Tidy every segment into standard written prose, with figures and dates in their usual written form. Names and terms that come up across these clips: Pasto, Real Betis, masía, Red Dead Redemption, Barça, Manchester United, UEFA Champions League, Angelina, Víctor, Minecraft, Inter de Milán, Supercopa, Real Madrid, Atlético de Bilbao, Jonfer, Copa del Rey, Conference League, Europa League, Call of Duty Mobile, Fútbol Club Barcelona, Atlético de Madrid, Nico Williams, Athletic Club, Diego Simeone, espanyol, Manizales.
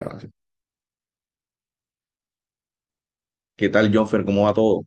Gracias. ¿Qué tal, Jonfer? ¿Cómo va todo?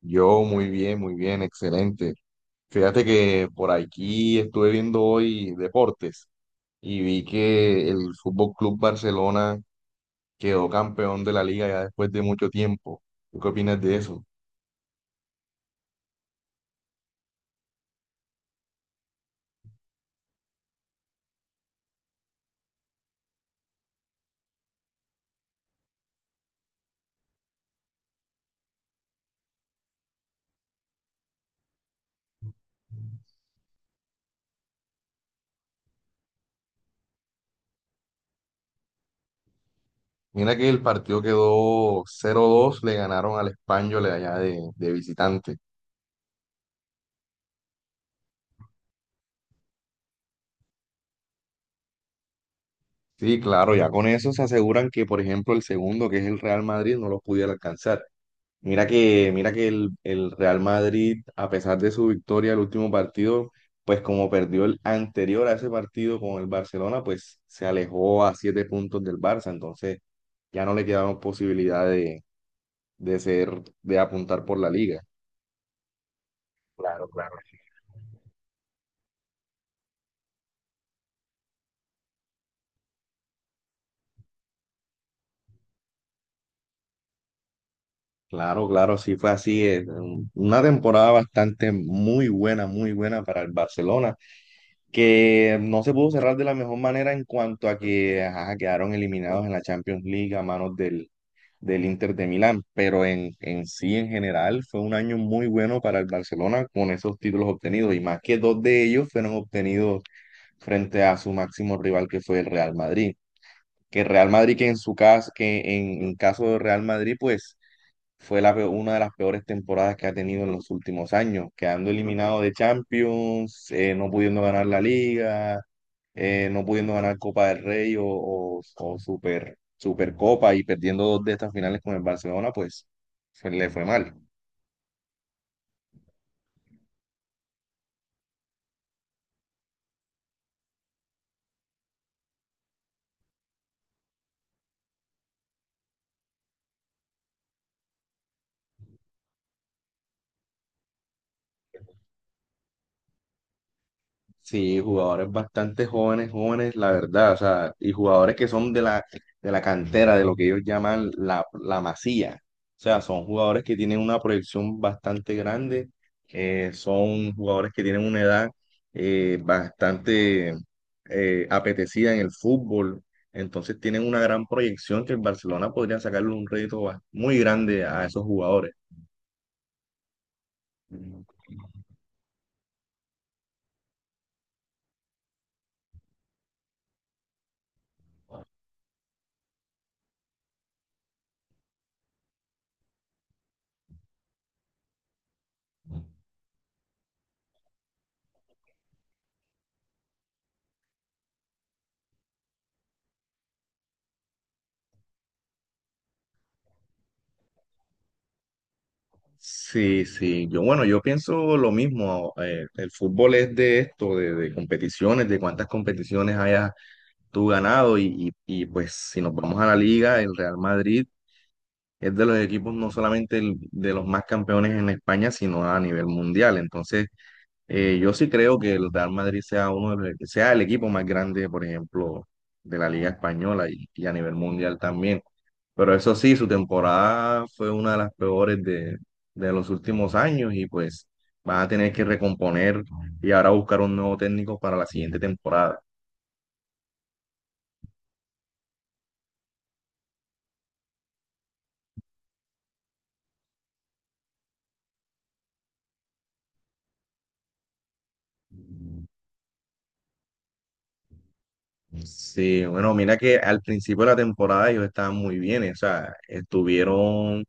Yo muy bien, excelente. Fíjate que por aquí estuve viendo hoy deportes y vi que el Fútbol Club Barcelona quedó campeón de la liga ya después de mucho tiempo. ¿Tú qué opinas de eso? Mira que el partido quedó 0-2, le ganaron al espanyol allá de visitante. Sí, claro, ya con eso se aseguran que, por ejemplo, el segundo, que es el Real Madrid, no los pudiera alcanzar. Mira que el Real Madrid, a pesar de su victoria el último partido, pues como perdió el anterior a ese partido con el Barcelona, pues se alejó a 7 puntos del Barça, entonces ya no le quedaron posibilidad de ser, de apuntar por la liga. Claro, claro. Claro, claro, sí fue así. Una temporada bastante muy buena para el Barcelona, que no se pudo cerrar de la mejor manera en cuanto a que ajá, quedaron eliminados en la Champions League a manos del Inter de Milán, pero en sí, en general, fue un año muy bueno para el Barcelona con esos títulos obtenidos, y más que dos de ellos fueron obtenidos frente a su máximo rival que fue el Real Madrid. Que Real Madrid, que en su caso, que en caso de Real Madrid, pues fue una de las peores temporadas que ha tenido en los últimos años, quedando eliminado de Champions, no pudiendo ganar la Liga, no pudiendo ganar Copa del Rey o Supercopa y perdiendo dos de estas finales con el Barcelona, pues se le fue mal. Sí, jugadores bastante jóvenes, jóvenes, la verdad, o sea, y jugadores que son de la cantera, de lo que ellos llaman la masía. O sea, son jugadores que tienen una proyección bastante grande, son jugadores que tienen una edad bastante apetecida en el fútbol, entonces tienen una gran proyección que el Barcelona podría sacarle un muy grande a esos jugadores. Sí, sí, yo bueno, yo pienso lo mismo. El fútbol es de esto, de competiciones, de cuántas competiciones hayas tú ganado y pues si nos vamos a la liga, el Real Madrid es de los equipos no solamente el- de los más campeones en España, sino a nivel mundial. Entonces, yo sí creo que el Real Madrid sea uno de los- sea el equipo más grande, por ejemplo, de la liga española y a nivel mundial también. Pero eso sí, su temporada fue una de las peores de los últimos años y pues van a tener que recomponer y ahora buscar un nuevo técnico para la siguiente temporada. Sí, bueno, mira que al principio de la temporada ellos estaban muy bien, o sea, estuvieron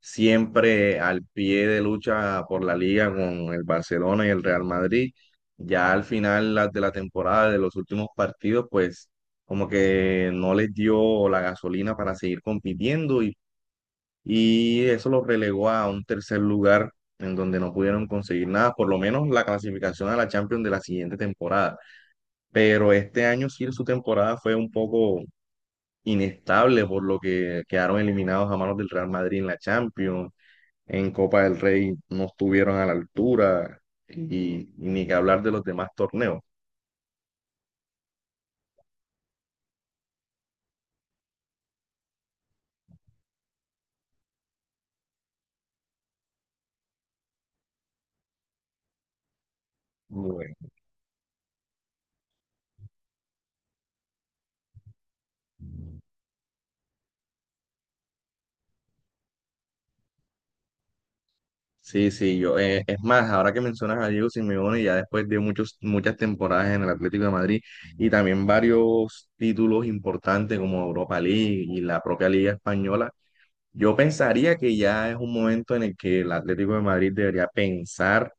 siempre al pie de lucha por la liga con el Barcelona y el Real Madrid. Ya al final de la temporada, de los últimos partidos, pues como que no les dio la gasolina para seguir compitiendo y eso lo relegó a un tercer lugar en donde no pudieron conseguir nada, por lo menos la clasificación a la Champions de la siguiente temporada. Pero este año sí su temporada fue un poco inestable, por lo que quedaron eliminados a manos del Real Madrid en la Champions, en Copa del Rey no estuvieron a la altura y ni que hablar de los demás torneos. Bueno. Sí, sí, yo, es más, ahora que mencionas a Diego Simeone, ya después de muchas temporadas en el Atlético de Madrid y también varios títulos importantes como Europa League y la propia Liga Española, yo pensaría que ya es un momento en el que el Atlético de Madrid debería pensar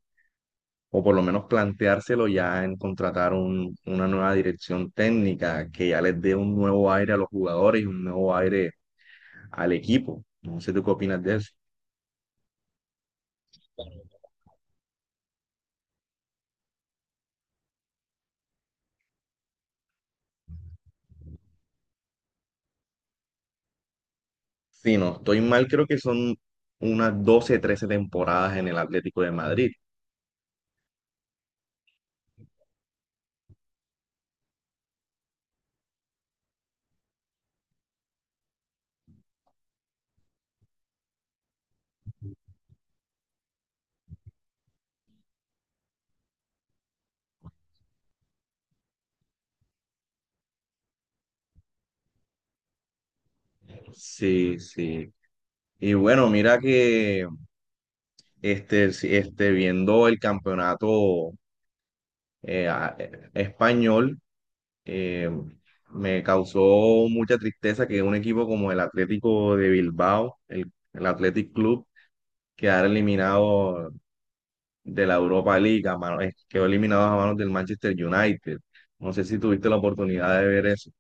o por lo menos planteárselo ya en contratar una nueva dirección técnica que ya les dé un nuevo aire a los jugadores y un nuevo aire al equipo. No sé tú qué opinas de eso. Si no estoy mal, creo que son unas 12, 13 temporadas en el Atlético de Madrid. Sí, sí. Y bueno, mira que viendo el campeonato español, eh, me causó mucha tristeza que un equipo como el Atlético de Bilbao, el Athletic Club, quedara eliminado de la Europa League, quedó eliminado a manos del Manchester United. No sé si tuviste la oportunidad de ver eso.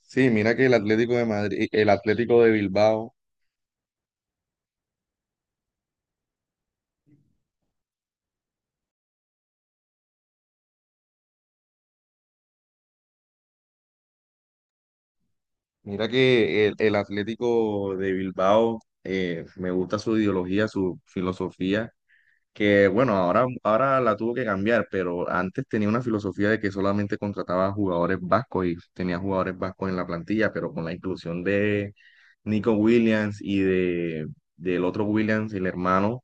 Sí, mira que el Atlético de Madrid, el Atlético de Bilbao, el Atlético de Bilbao, me gusta su ideología, su filosofía, que bueno, ahora, ahora la tuvo que cambiar, pero antes tenía una filosofía de que solamente contrataba jugadores vascos y tenía jugadores vascos en la plantilla, pero con la inclusión de Nico Williams del otro Williams, el hermano,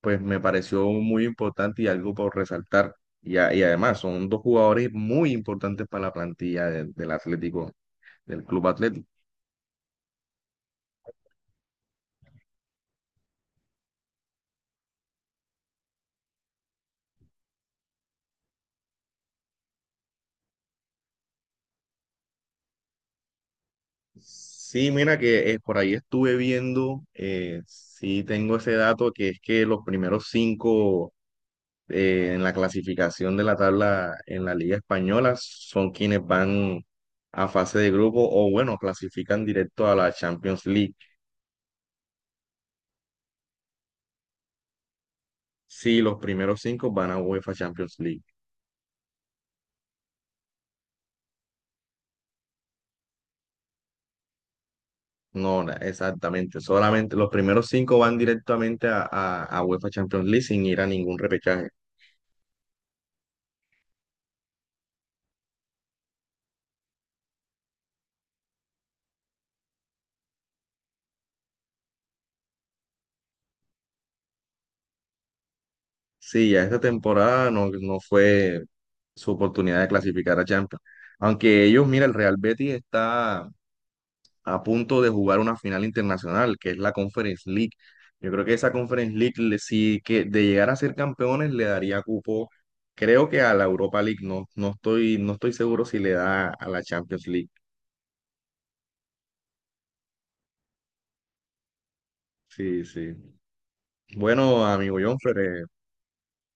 pues me pareció muy importante y algo por resaltar. Y, y además son dos jugadores muy importantes para la plantilla del Atlético, del Club Atlético. Sí, mira que por ahí estuve viendo, sí tengo ese dato que es que los primeros 5 en la clasificación de la tabla en la Liga Española son quienes van a fase de grupo o bueno, clasifican directo a la Champions League. Sí, los primeros 5 van a UEFA Champions League. No, na- Exactamente. Solamente los primeros 5 van directamente a UEFA Champions League sin ir a ningún repechaje. Sí, ya esta temporada no, no fue su oportunidad de clasificar a Champions. Aunque ellos, mira, el Real Betis está a punto de jugar una final internacional, que es la Conference League. Yo creo que esa Conference League, sí que de llegar a ser campeones, le daría cupo, creo que a la Europa League. No, no estoy, no estoy seguro si le da a la Champions League. Sí, sí. Bueno, amigo Jonfer,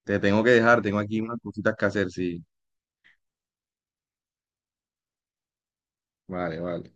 te tengo que dejar, tengo aquí unas cositas que hacer, sí. Vale, vale.